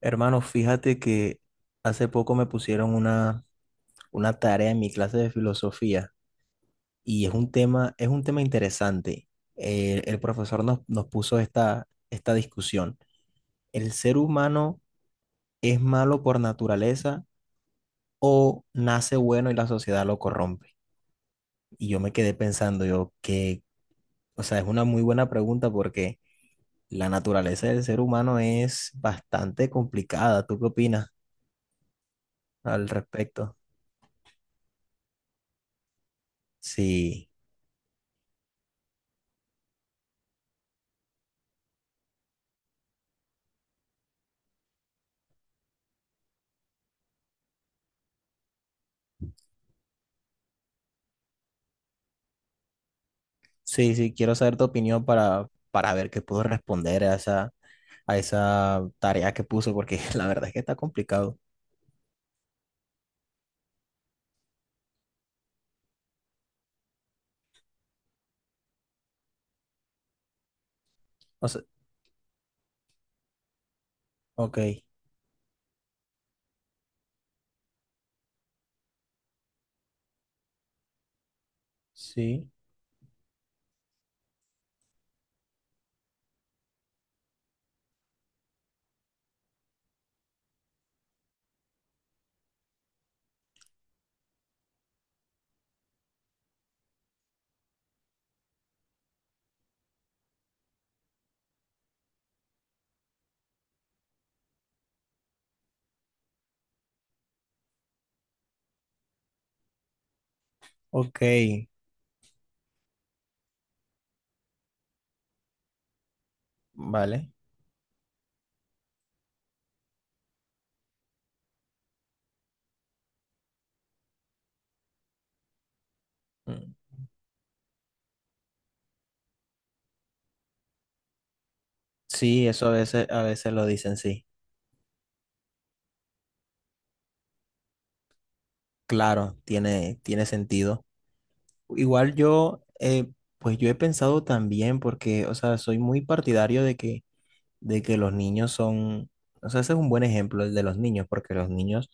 Hermano, fíjate que hace poco me pusieron una tarea en mi clase de filosofía y es un tema interesante. El profesor nos puso esta discusión. ¿El ser humano es malo por naturaleza o nace bueno y la sociedad lo corrompe? Y yo me quedé pensando, yo que, o sea, es una muy buena pregunta porque la naturaleza del ser humano es bastante complicada. ¿Tú qué opinas al respecto? Sí. Sí, sí, quiero saber tu opinión para ver qué puedo responder a esa tarea que puso, porque la verdad es que está complicado. O sea, ok, sí, ok, vale. Mm, sí, eso a veces lo dicen, sí. Claro, tiene, tiene sentido. Igual yo, pues yo he pensado también, porque, o sea, soy muy partidario de que los niños son, o sea, ese es un buen ejemplo el de los niños, porque los niños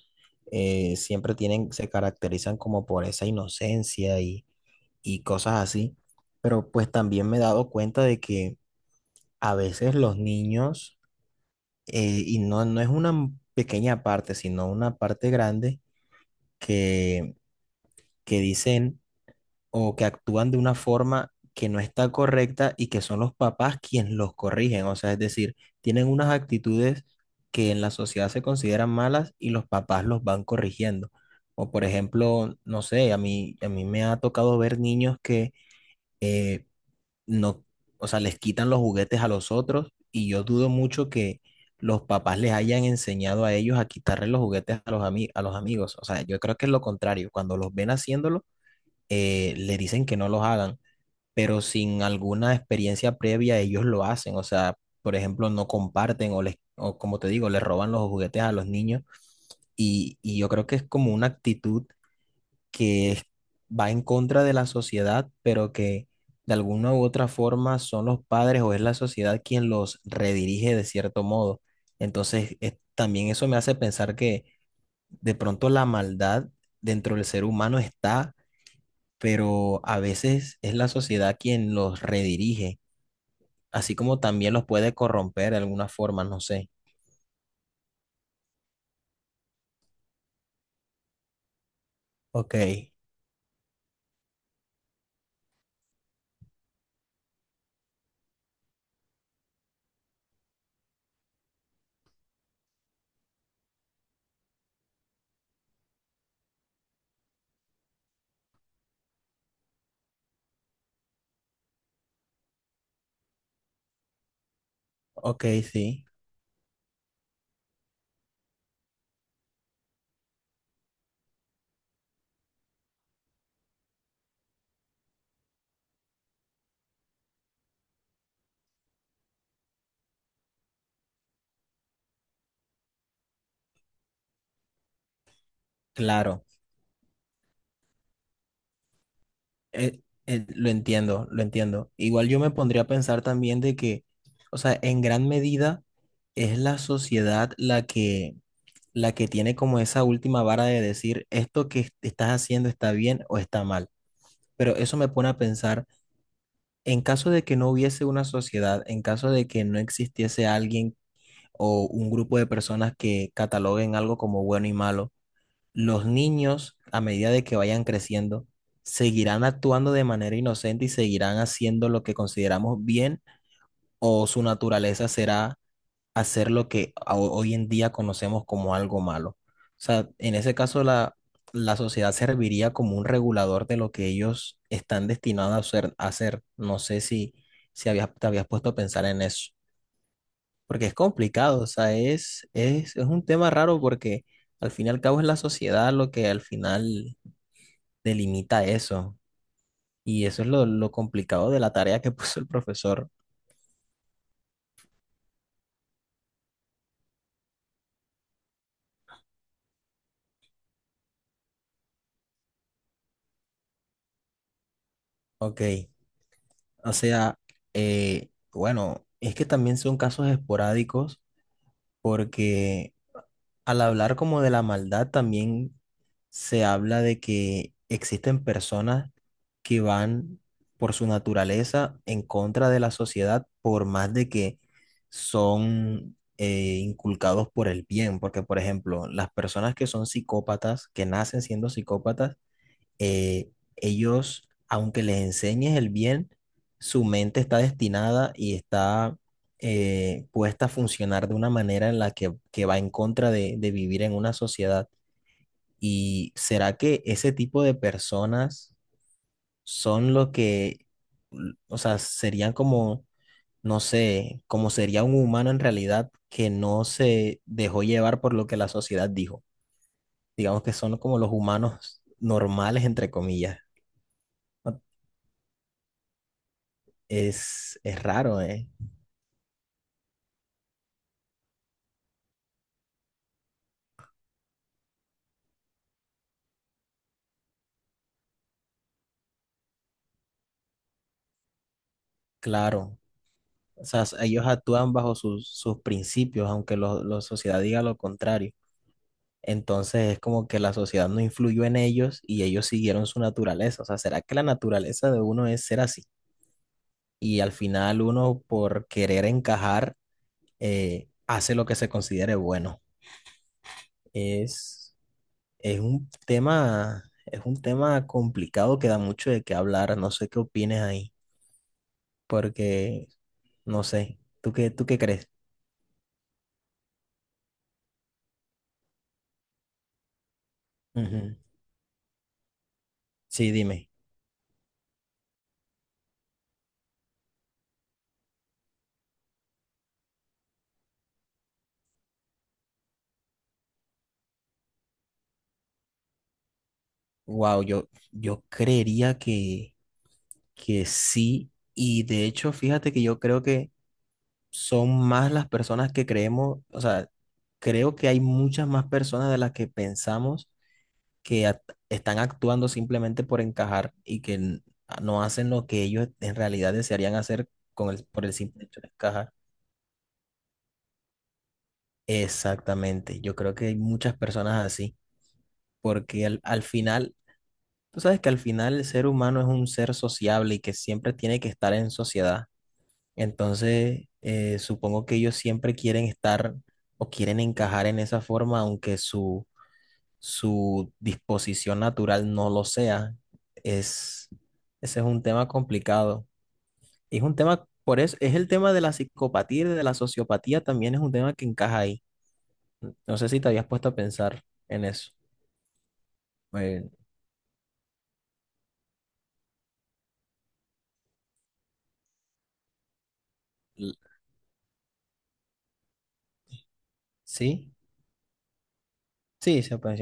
siempre tienen, se caracterizan como por esa inocencia y cosas así, pero pues también me he dado cuenta de que a veces los niños, y no, no es una pequeña parte, sino una parte grande, que, que dicen o que actúan de una forma que no está correcta y que son los papás quienes los corrigen. O sea, es decir, tienen unas actitudes que en la sociedad se consideran malas y los papás los van corrigiendo. O por ejemplo, no sé, a mí me ha tocado ver niños que eh, no, o sea, les quitan los juguetes a los otros y yo dudo mucho que los papás les hayan enseñado a ellos a quitarle los juguetes a los a los amigos. O sea, yo creo que es lo contrario. Cuando los ven haciéndolo, le dicen que no los hagan, pero sin alguna experiencia previa ellos lo hacen. O sea, por ejemplo, no comparten o les, o como te digo, les roban los juguetes a los niños. Y yo creo que es como una actitud que va en contra de la sociedad, pero que de alguna u otra forma son los padres o es la sociedad quien los redirige de cierto modo. Entonces, también eso me hace pensar que de pronto la maldad dentro del ser humano está, pero a veces es la sociedad quien los redirige, así como también los puede corromper de alguna forma, no sé. Ok, ok, sí, claro. Eh, lo entiendo, lo entiendo. Igual yo me pondría a pensar también de que, o sea, en gran medida es la sociedad la que tiene como esa última vara de decir esto que estás haciendo está bien o está mal. Pero eso me pone a pensar, en caso de que no hubiese una sociedad, en caso de que no existiese alguien o un grupo de personas que cataloguen algo como bueno y malo, los niños, a medida de que vayan creciendo, seguirán actuando de manera inocente y seguirán haciendo lo que consideramos bien o su naturaleza será hacer lo que hoy en día conocemos como algo malo. O sea, en ese caso la, la sociedad serviría como un regulador de lo que ellos están destinados a hacer. A hacer. No sé si, si habías, te habías puesto a pensar en eso. Porque es complicado, o sea, es un tema raro porque al fin y al cabo es la sociedad lo que al final delimita eso. Y eso es lo complicado de la tarea que puso el profesor. Ok, o sea, bueno, es que también son casos esporádicos porque al hablar como de la maldad, también se habla de que existen personas que van por su naturaleza en contra de la sociedad, por más de que son inculcados por el bien. Porque, por ejemplo, las personas que son psicópatas, que nacen siendo psicópatas, eh, ellos, aunque les enseñes el bien, su mente está destinada y está puesta a funcionar de una manera en la que va en contra de vivir en una sociedad. ¿Y será que ese tipo de personas son lo que, o sea, serían como, no sé, como sería un humano en realidad que no se dejó llevar por lo que la sociedad dijo? Digamos que son como los humanos normales, entre comillas. ¿No? Es, es raro, ¿eh? Claro. O sea, ellos actúan bajo sus, sus principios, aunque la sociedad diga lo contrario. Entonces es como que la sociedad no influyó en ellos y ellos siguieron su naturaleza. O sea, ¿será que la naturaleza de uno es ser así? Y al final uno, por querer encajar, hace lo que se considere bueno. Es, es un tema complicado que da mucho de qué hablar. No sé qué opines ahí. Porque no sé. Tú qué crees? Ujú. Sí, dime. Wow, yo creería que sí. Y de hecho, fíjate que yo creo que son más las personas que creemos, o sea, creo que hay muchas más personas de las que pensamos que están actuando simplemente por encajar y que no hacen lo que ellos en realidad desearían hacer con el, por el simple hecho de encajar. Exactamente, yo creo que hay muchas personas así. Porque al, al final, tú sabes que al final el ser humano es un ser sociable y que siempre tiene que estar en sociedad. Entonces, supongo que ellos siempre quieren estar o quieren encajar en esa forma, aunque su disposición natural no lo sea. Es, ese es un tema complicado. Es un tema, por eso, es el tema de la psicopatía y de la sociopatía también es un tema que encaja ahí. No sé si te habías puesto a pensar en eso. Eh, l- sí, sí, se puede.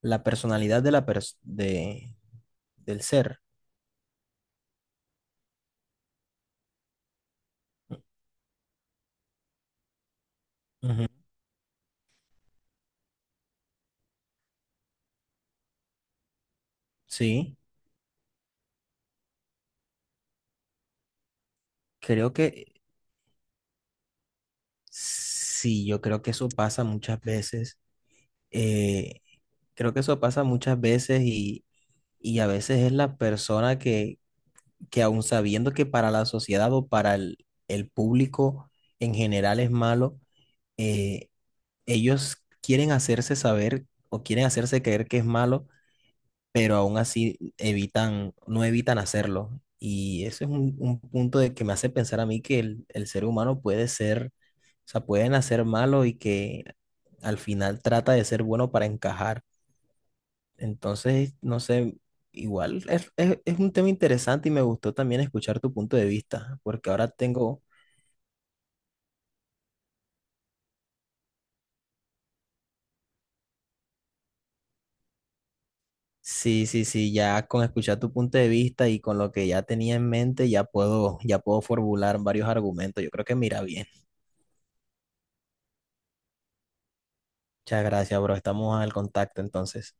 La personalidad de la de, del ser. Ujú. Sí, creo que sí, yo creo que eso pasa muchas veces. eh, Creo que eso pasa muchas veces y a veces es la persona que aun sabiendo que para la sociedad o para el público en general es malo, eh, ellos quieren hacerse saber o quieren hacerse creer que es malo, pero aún así evitan, no evitan hacerlo. Y eso es un punto de que me hace pensar a mí que el ser humano puede ser, o sea, puede nacer malo y que al final trata de ser bueno para encajar. Entonces, no sé, igual es un tema interesante y me gustó también escuchar tu punto de vista, porque ahora tengo, sí, sí, sí, ya con escuchar tu punto de vista y con lo que ya tenía en mente, ya puedo formular varios argumentos. Yo creo que mira bien. Muchas gracias, bro. Estamos al contacto entonces.